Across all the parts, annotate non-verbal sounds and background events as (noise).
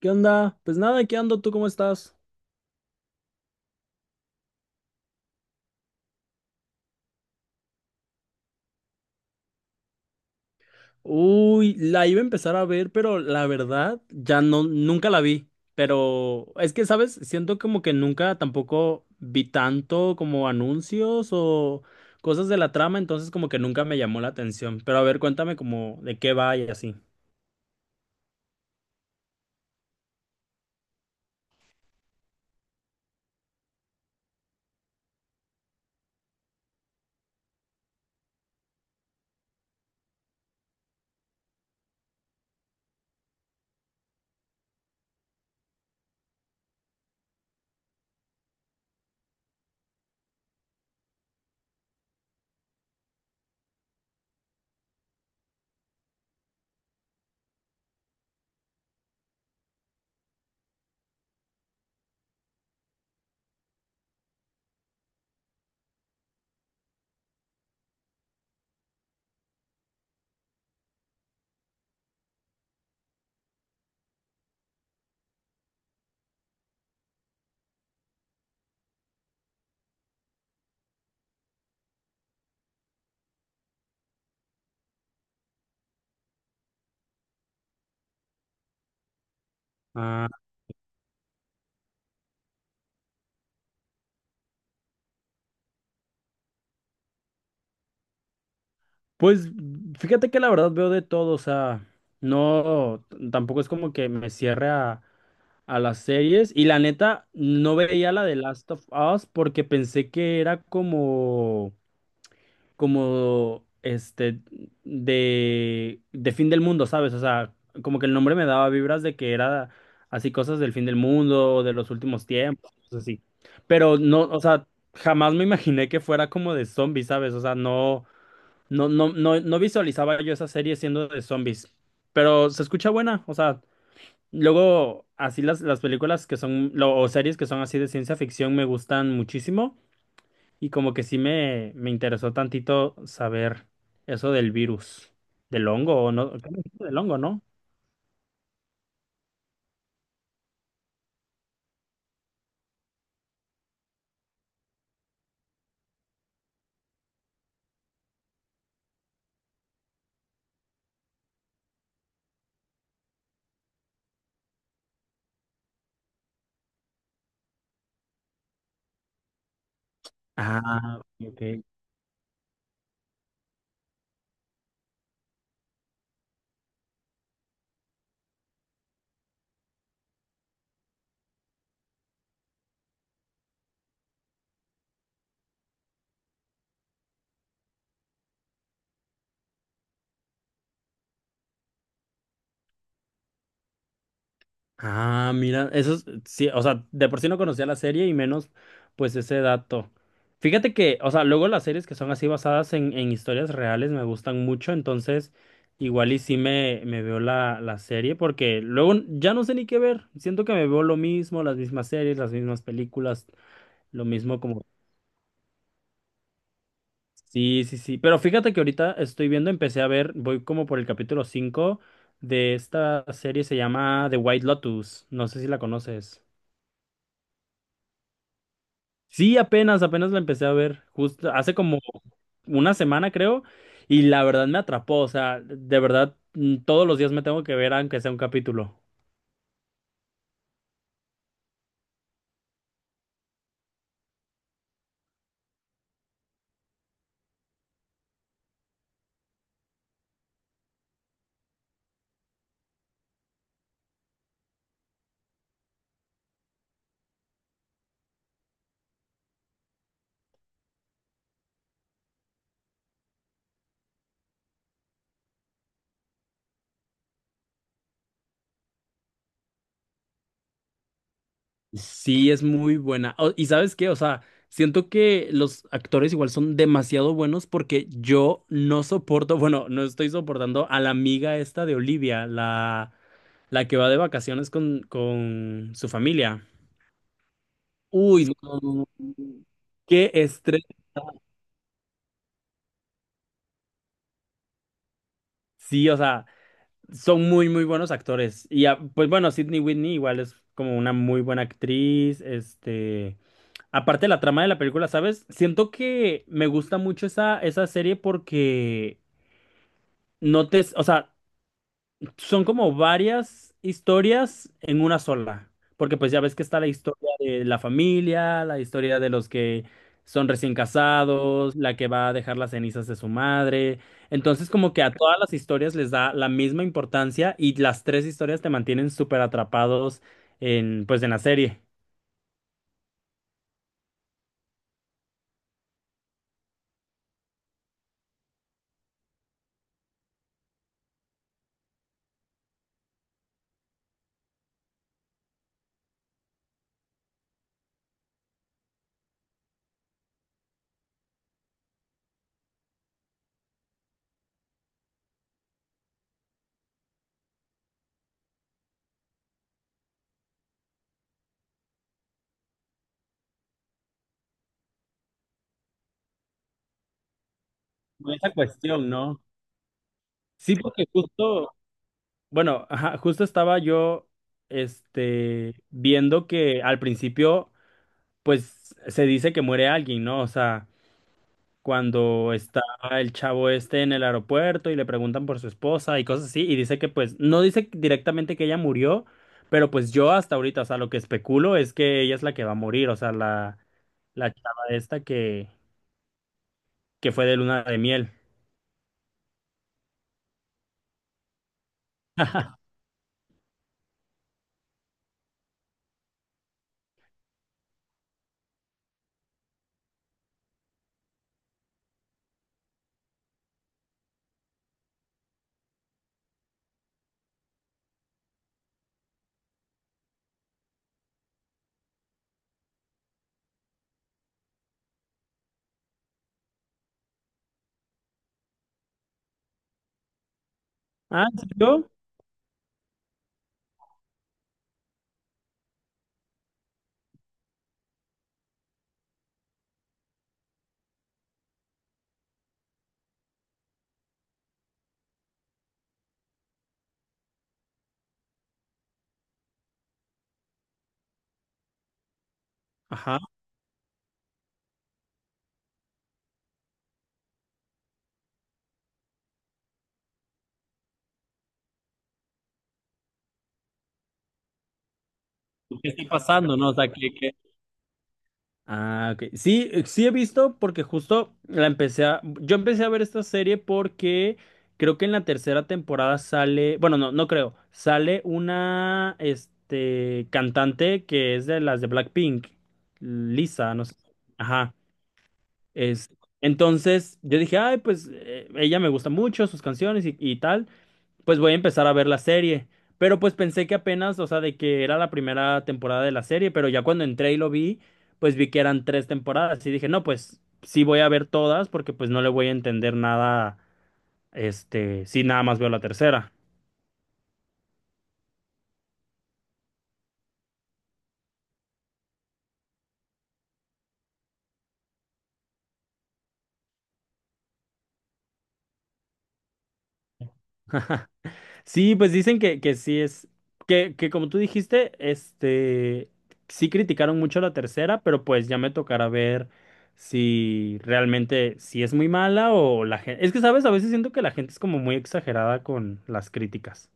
¿Qué onda? Pues nada, ¿qué ando? ¿Tú cómo estás? Uy, la iba a empezar a ver, pero la verdad ya no, nunca la vi. Pero es que, ¿sabes? Siento como que nunca tampoco vi tanto como anuncios o cosas de la trama, entonces como que nunca me llamó la atención. Pero a ver, cuéntame como de qué va y así. Ah, pues fíjate que la verdad veo de todo, o sea, no, tampoco es como que me cierre a las series y la neta no veía la de Last of Us porque pensé que era como como este de fin del mundo, ¿sabes? O sea, como que el nombre me daba vibras de que era así cosas del fin del mundo, de los últimos tiempos, cosas así. Pero no, o sea, jamás me imaginé que fuera como de zombies, ¿sabes? O sea, no visualizaba yo esa serie siendo de zombies. Pero se escucha buena, o sea, luego, así las películas que son, o series que son así de ciencia ficción me gustan muchísimo y como que sí me interesó tantito saber eso del virus, del hongo, o ¿no? ¿Qué me dijiste del hongo, no? Ah, ok. Ah, mira, eso es, sí, o sea, de por sí no conocía la serie y menos pues ese dato. Fíjate que, o sea, luego las series que son así basadas en historias reales me gustan mucho, entonces igual y sí me veo la serie porque luego ya no sé ni qué ver, siento que me veo lo mismo, las mismas series, las mismas películas, lo mismo como. Sí, sí, sí, pero fíjate que ahorita estoy viendo, empecé a ver, voy como por el capítulo 5 de esta serie, se llama The White Lotus, no sé si la conoces. Sí, apenas, apenas la empecé a ver, justo hace como una semana creo, y la verdad me atrapó, o sea, de verdad todos los días me tengo que ver aunque sea un capítulo. Sí, es muy buena. Y sabes qué, o sea, siento que los actores igual son demasiado buenos porque yo no soporto, bueno, no estoy soportando a la amiga esta de Olivia, la que va de vacaciones con su familia. Uy, no, no, no, no, qué estrés. Sí, o sea, son muy, muy buenos actores. Y ah, pues bueno, Sydney Whitney igual es como una muy buena actriz. Este, aparte la trama de la película, ¿sabes? Siento que me gusta mucho esa, esa serie porque no te, o sea, son como varias historias en una sola, porque pues ya ves que está la historia de la familia, la historia de los que son recién casados, la que va a dejar las cenizas de su madre. Entonces como que a todas las historias les da la misma importancia y las tres historias te mantienen súper atrapados en pues en la serie. Con esa cuestión, ¿no? Sí, porque justo, bueno, ajá, justo estaba yo este viendo que al principio pues se dice que muere alguien, ¿no? O sea, cuando está el chavo este en el aeropuerto y le preguntan por su esposa y cosas así, y dice que pues no dice directamente que ella murió, pero pues yo hasta ahorita, o sea, lo que especulo es que ella es la que va a morir, o sea, la chava esta que fue de luna de miel. (laughs) Ah, ¿en serio? Ajá. ¿Qué está pasando, no? O sea, ¿qué, qué- Ah, ok. Sí, sí he visto porque justo la empecé a... Yo empecé a ver esta serie porque creo que en la tercera temporada sale... Bueno, no, no creo. Sale una, este, cantante que es de las de Blackpink. Lisa, no sé. Ajá. Es... Entonces yo dije, ay, pues ella me gusta mucho, sus canciones y tal, pues voy a empezar a ver la serie. Pero pues pensé que apenas, o sea, de que era la primera temporada de la serie, pero ya cuando entré y lo vi, pues vi que eran tres temporadas y dije, no, pues sí voy a ver todas porque pues no le voy a entender nada, este, si nada más veo la tercera. Sí, pues dicen que sí es, que como tú dijiste, este, sí criticaron mucho la tercera, pero pues ya me tocará ver si realmente, si es muy mala o la gente, es que sabes, a veces siento que la gente es como muy exagerada con las críticas,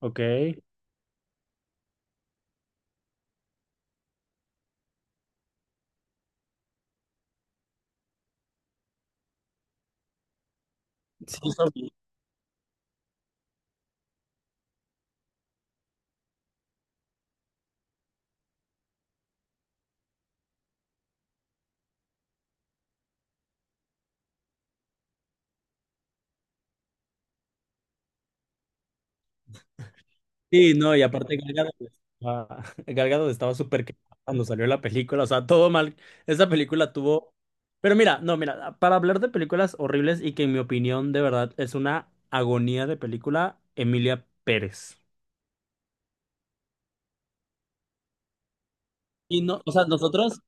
¿ok? Sí, sí, no, y aparte Galgado (laughs) estaba súper quemado cuando salió la película, o sea, todo mal. Esa película tuvo... Pero mira, no, mira, para hablar de películas horribles y que en mi opinión de verdad es una agonía de película, Emilia Pérez. Y no, o sea, nosotros,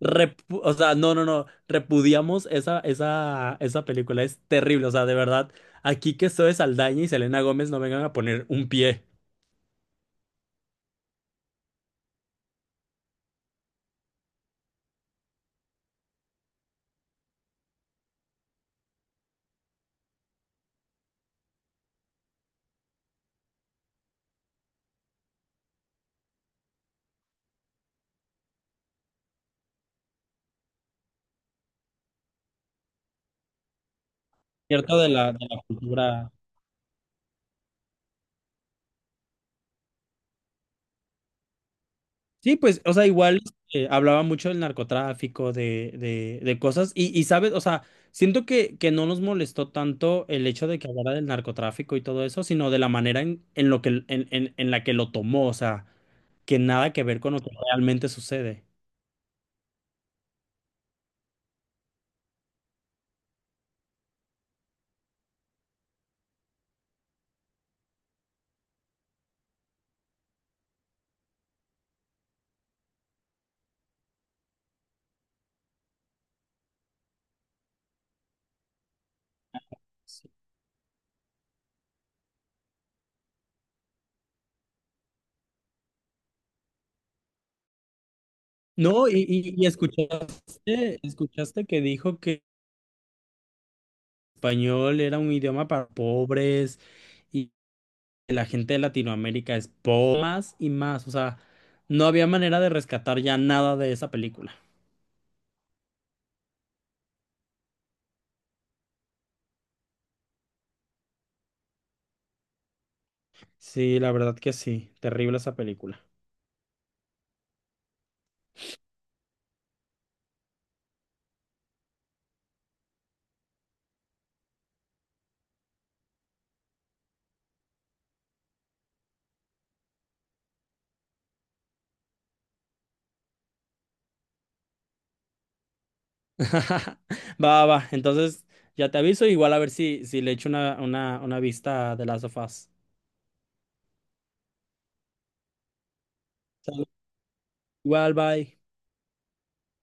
o sea, no, no, no, repudiamos esa película, es terrible, o sea, de verdad, aquí que Zoe Saldaña y Selena Gómez no vengan a poner un pie. Cierto de de la cultura. Sí, pues, o sea, igual hablaba mucho del narcotráfico, de cosas, y sabes, o sea, siento que no nos molestó tanto el hecho de que hablara del narcotráfico y todo eso, sino de la manera en lo que en la que lo tomó, o sea, que nada que ver con lo que realmente sucede. No, y escuchaste, escuchaste que dijo que español era un idioma para pobres, la gente de Latinoamérica es más y más. O sea, no había manera de rescatar ya nada de esa película. Sí, la verdad que sí. Terrible esa película. (laughs) Va, va, va. Entonces, ya te aviso. Igual a ver si, si le echo una vista de las of Us. Sale. Igual, bye.